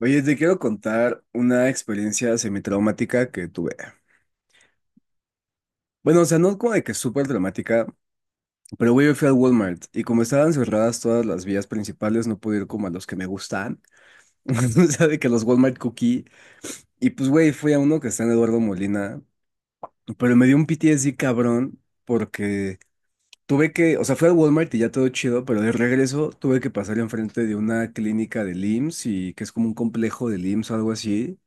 Oye, te quiero contar una experiencia semi-traumática que tuve. Bueno, o sea, no como de que súper traumática, pero güey, yo fui al Walmart y como estaban cerradas todas las vías principales, no pude ir como a los que me gustan. O sea, de que los Walmart Cookie. Y pues, güey, fui a uno que está en Eduardo Molina, pero me dio un PTSD cabrón porque tuve que, o sea, fui al Walmart y ya todo chido, pero de regreso tuve que pasar enfrente de una clínica del IMSS y que es como un complejo del IMSS o algo así.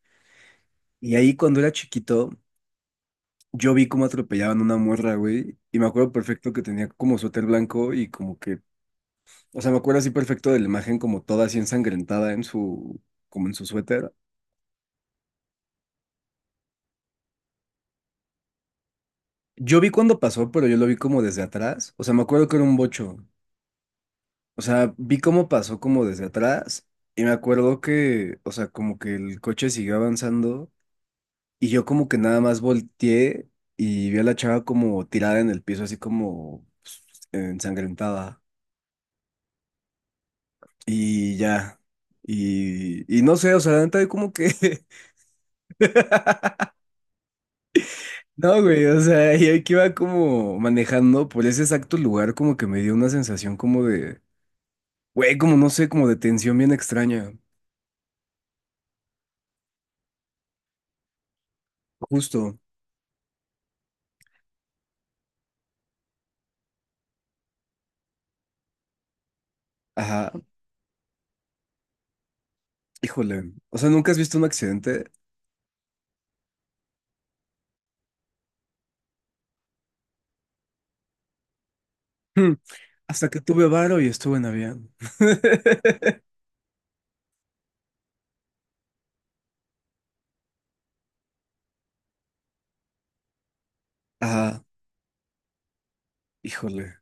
Y ahí cuando era chiquito, yo vi cómo atropellaban una morra, güey, y me acuerdo perfecto que tenía como suéter blanco y como que, o sea, me acuerdo así perfecto de la imagen como toda así ensangrentada en su, como en su suéter. Yo vi cuando pasó, pero yo lo vi como desde atrás, o sea, me acuerdo que era un bocho, o sea, vi cómo pasó como desde atrás y me acuerdo que, o sea, como que el coche siguió avanzando y yo como que nada más volteé y vi a la chava como tirada en el piso, así como pues, ensangrentada. Y ya. Y no sé, o sea, la neta, como que. No, güey, o sea, y ahí que iba como manejando por ese exacto lugar, como que me dio una sensación como de. Güey, como no sé, como de tensión bien extraña. Justo. Ajá, híjole. O sea, ¿nunca has visto un accidente? Hmm. Hasta que tuve varo y estuve en avión. Ajá, híjole.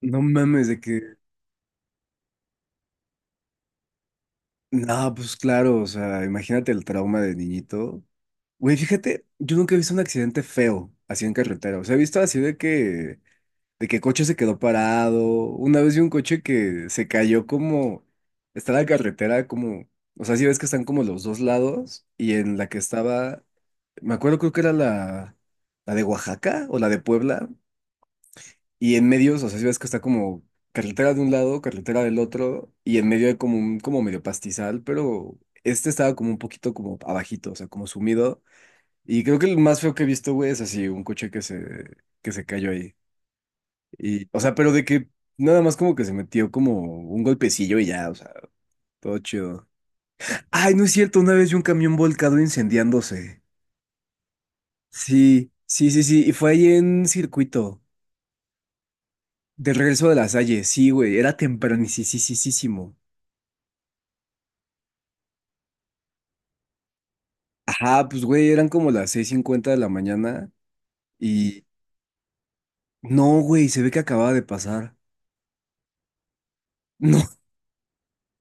No mames, de que. No, pues claro, o sea, imagínate el trauma de niñito. Güey, fíjate, yo nunca he visto un accidente feo así en carretera. O sea, he visto así de que coche se quedó parado. Una vez vi un coche que se cayó como, está la carretera como, o sea, si ves que están como los dos lados y en la que estaba, me acuerdo creo que era la de Oaxaca o la de Puebla y en medio, o sea, si ves que está como carretera de un lado, carretera del otro y en medio hay como un, como medio pastizal, pero este estaba como un poquito como abajito, o sea, como sumido. Y creo que el más feo que he visto, güey, es así, un coche que se cayó ahí. Y, o sea, pero de que nada más como que se metió como un golpecillo y ya, o sea, todo chido. Ay, no es cierto, una vez vi un camión volcado incendiándose. Sí, sí, sí, sí, y fue ahí en circuito, de regreso de la Salle, sí, güey, era tempranisísimo. Ajá, pues, güey, eran como las 6:50 de la mañana y... No, güey, se ve que acababa de pasar. No.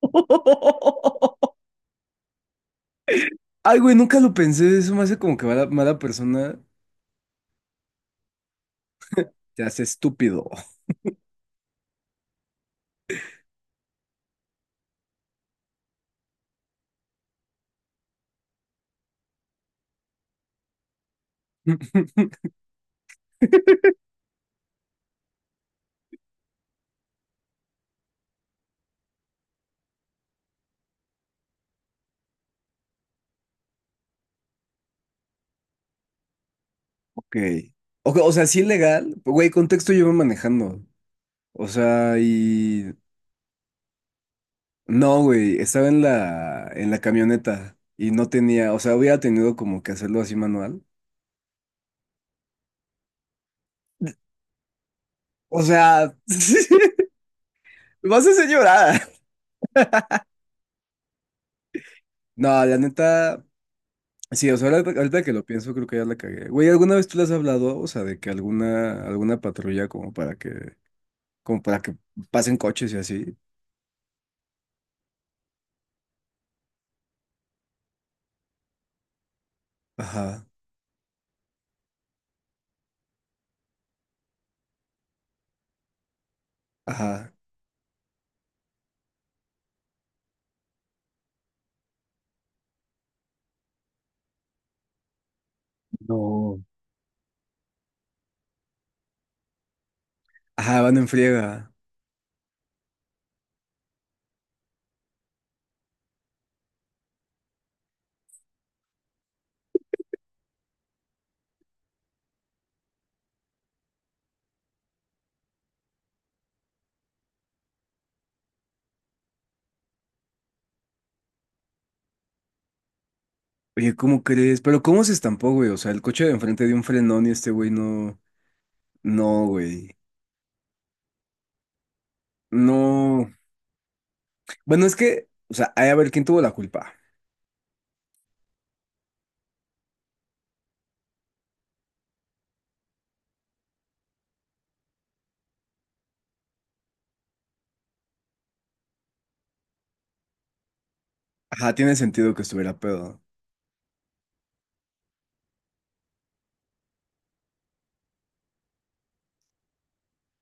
Ay, güey, nunca lo pensé. Eso me hace como que mala, mala persona te hace estúpido. Ok. O sea, sí legal. Güey, contexto yo iba manejando. O sea, y... No, güey, estaba en la camioneta y no tenía... O sea, hubiera tenido como que hacerlo así manual. O sea, me vas a hacer llorar. No, la neta... Sí, o sea, ahorita que lo pienso, creo que ya la cagué. Güey, ¿alguna vez tú le has hablado? O sea, de que alguna patrulla como para que... Como para que pasen coches y así. Ajá, ajá. No. Ajá, van en friega. Oye, ¿cómo crees? Pero ¿cómo se estampó, güey? O sea, el coche de enfrente dio un frenón y este güey no, no, güey, no. Bueno, es que, o sea, hay a ver quién tuvo la culpa. Ajá, tiene sentido que estuviera pedo.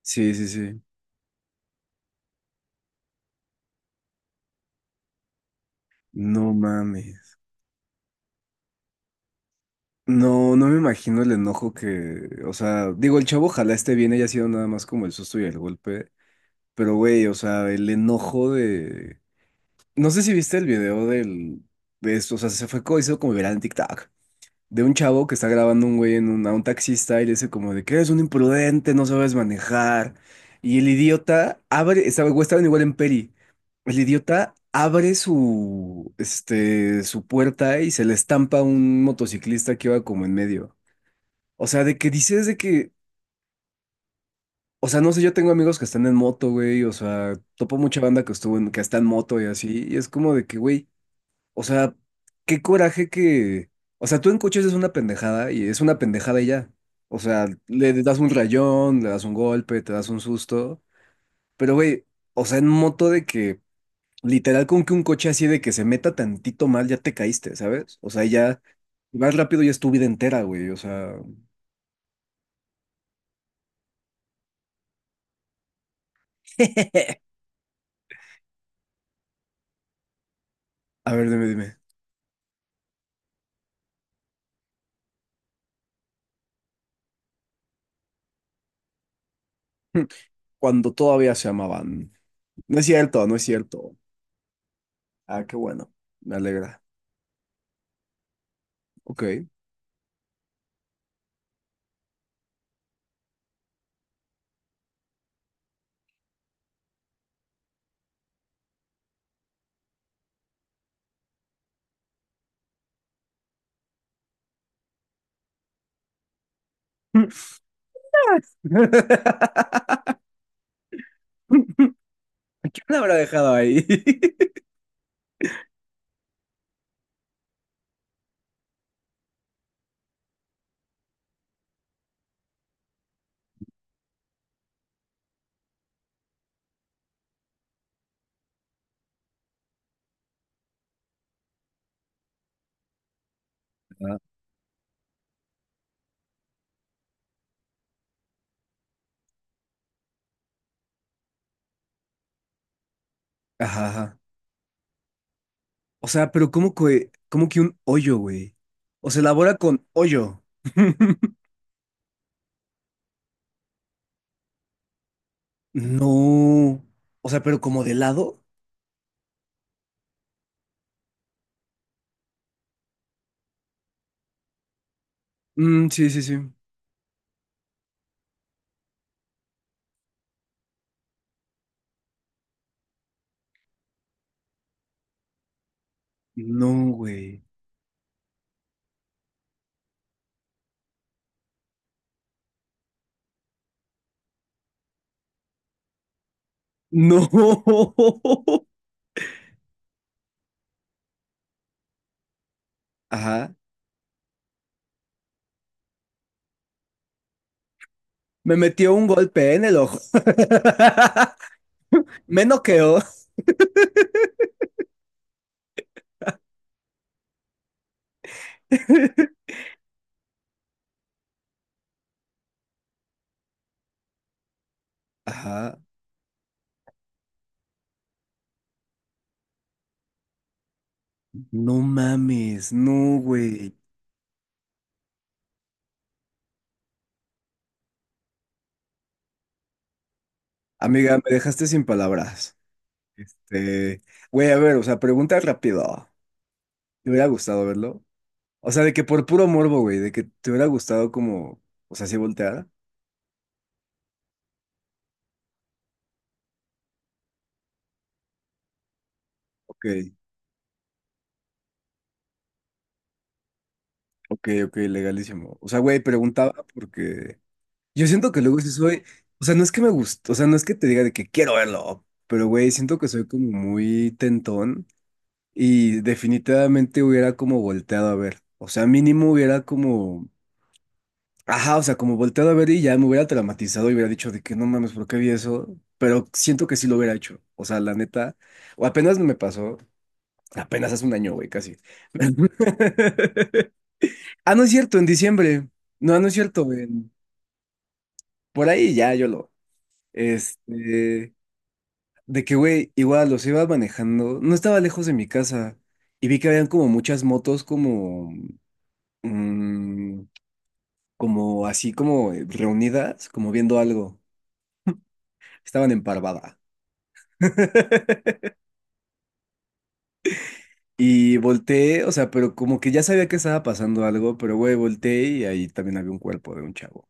Sí, sí, sí. No mames. No, no me imagino el enojo que, o sea, digo, el chavo ojalá esté bien, haya sido nada más como el susto y el golpe, pero güey, o sea, el enojo de... No sé si viste el video de esto, o sea, se fue hizo como viral en TikTok, de un chavo que está grabando un güey a un taxista y le dice como de que eres un imprudente, no sabes manejar. Y el idiota abre, estaba, güey, estaban igual en Peri, el idiota abre su, este, su puerta y se le estampa a un motociclista que iba como en medio. O sea, de que dices de que, o sea, no sé, yo tengo amigos que están en moto, güey, o sea, topo mucha banda que estuvo en, que está en moto y así, y es como de que, güey. O sea, qué coraje que. O sea, tú en coches es una pendejada y es una pendejada y ya. O sea, le das un rayón, le das un golpe, te das un susto. Pero, güey, o sea, en moto de que literal con que un coche así de que se meta tantito mal, ya te caíste, ¿sabes? O sea, ya vas rápido y es tu vida entera, güey. O sea. A ver, dime, dime. Cuando todavía se amaban. No es cierto, no es cierto. Ah, qué bueno. Me alegra. Ok. ¿Quién la habrá dejado ahí? Ajá. Ajá. O sea, pero cómo que un hoyo, güey? O se elabora con hoyo. No. O sea, pero como de lado. Mm, sí, sí, sí. No, güey. No. Ajá. Me metió un golpe en el ojo. Me noqueó. Ajá. No mames. No, güey. Amiga, me dejaste sin palabras. Este. Güey, a ver, o sea, pregunta rápido. ¿Me hubiera gustado verlo? O sea, de que por puro morbo, güey, de que te hubiera gustado como, o sea, si volteara. Ok, ok, ok, legalísimo. O sea, güey, preguntaba porque yo siento que luego sí soy, o sea, no es que me guste, o sea, no es que te diga de que quiero verlo, pero güey, siento que soy como muy tentón y definitivamente hubiera como volteado a ver. O sea, mínimo hubiera como Ajá, o sea, como volteado a ver y ya me hubiera traumatizado y hubiera dicho de que no mames, ¿por qué vi eso? Pero siento que sí lo hubiera hecho. O sea, la neta, o apenas me pasó, apenas hace un año, güey, casi. Ah, no es cierto, en diciembre. No, no es cierto, por ahí ya yo lo. Este, de que, güey, igual los iba manejando, no estaba lejos de mi casa y vi que habían como muchas motos como, mm, como así como reunidas, como viendo algo. Estaban en parvada. Y volteé, o sea, pero como que ya sabía que estaba pasando algo, pero güey, volteé y ahí también había un cuerpo de un chavo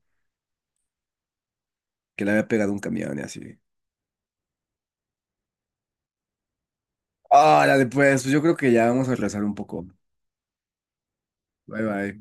que le había pegado un camión y así. Órale, pues, pues yo creo que ya vamos a rezar un poco. Bye bye.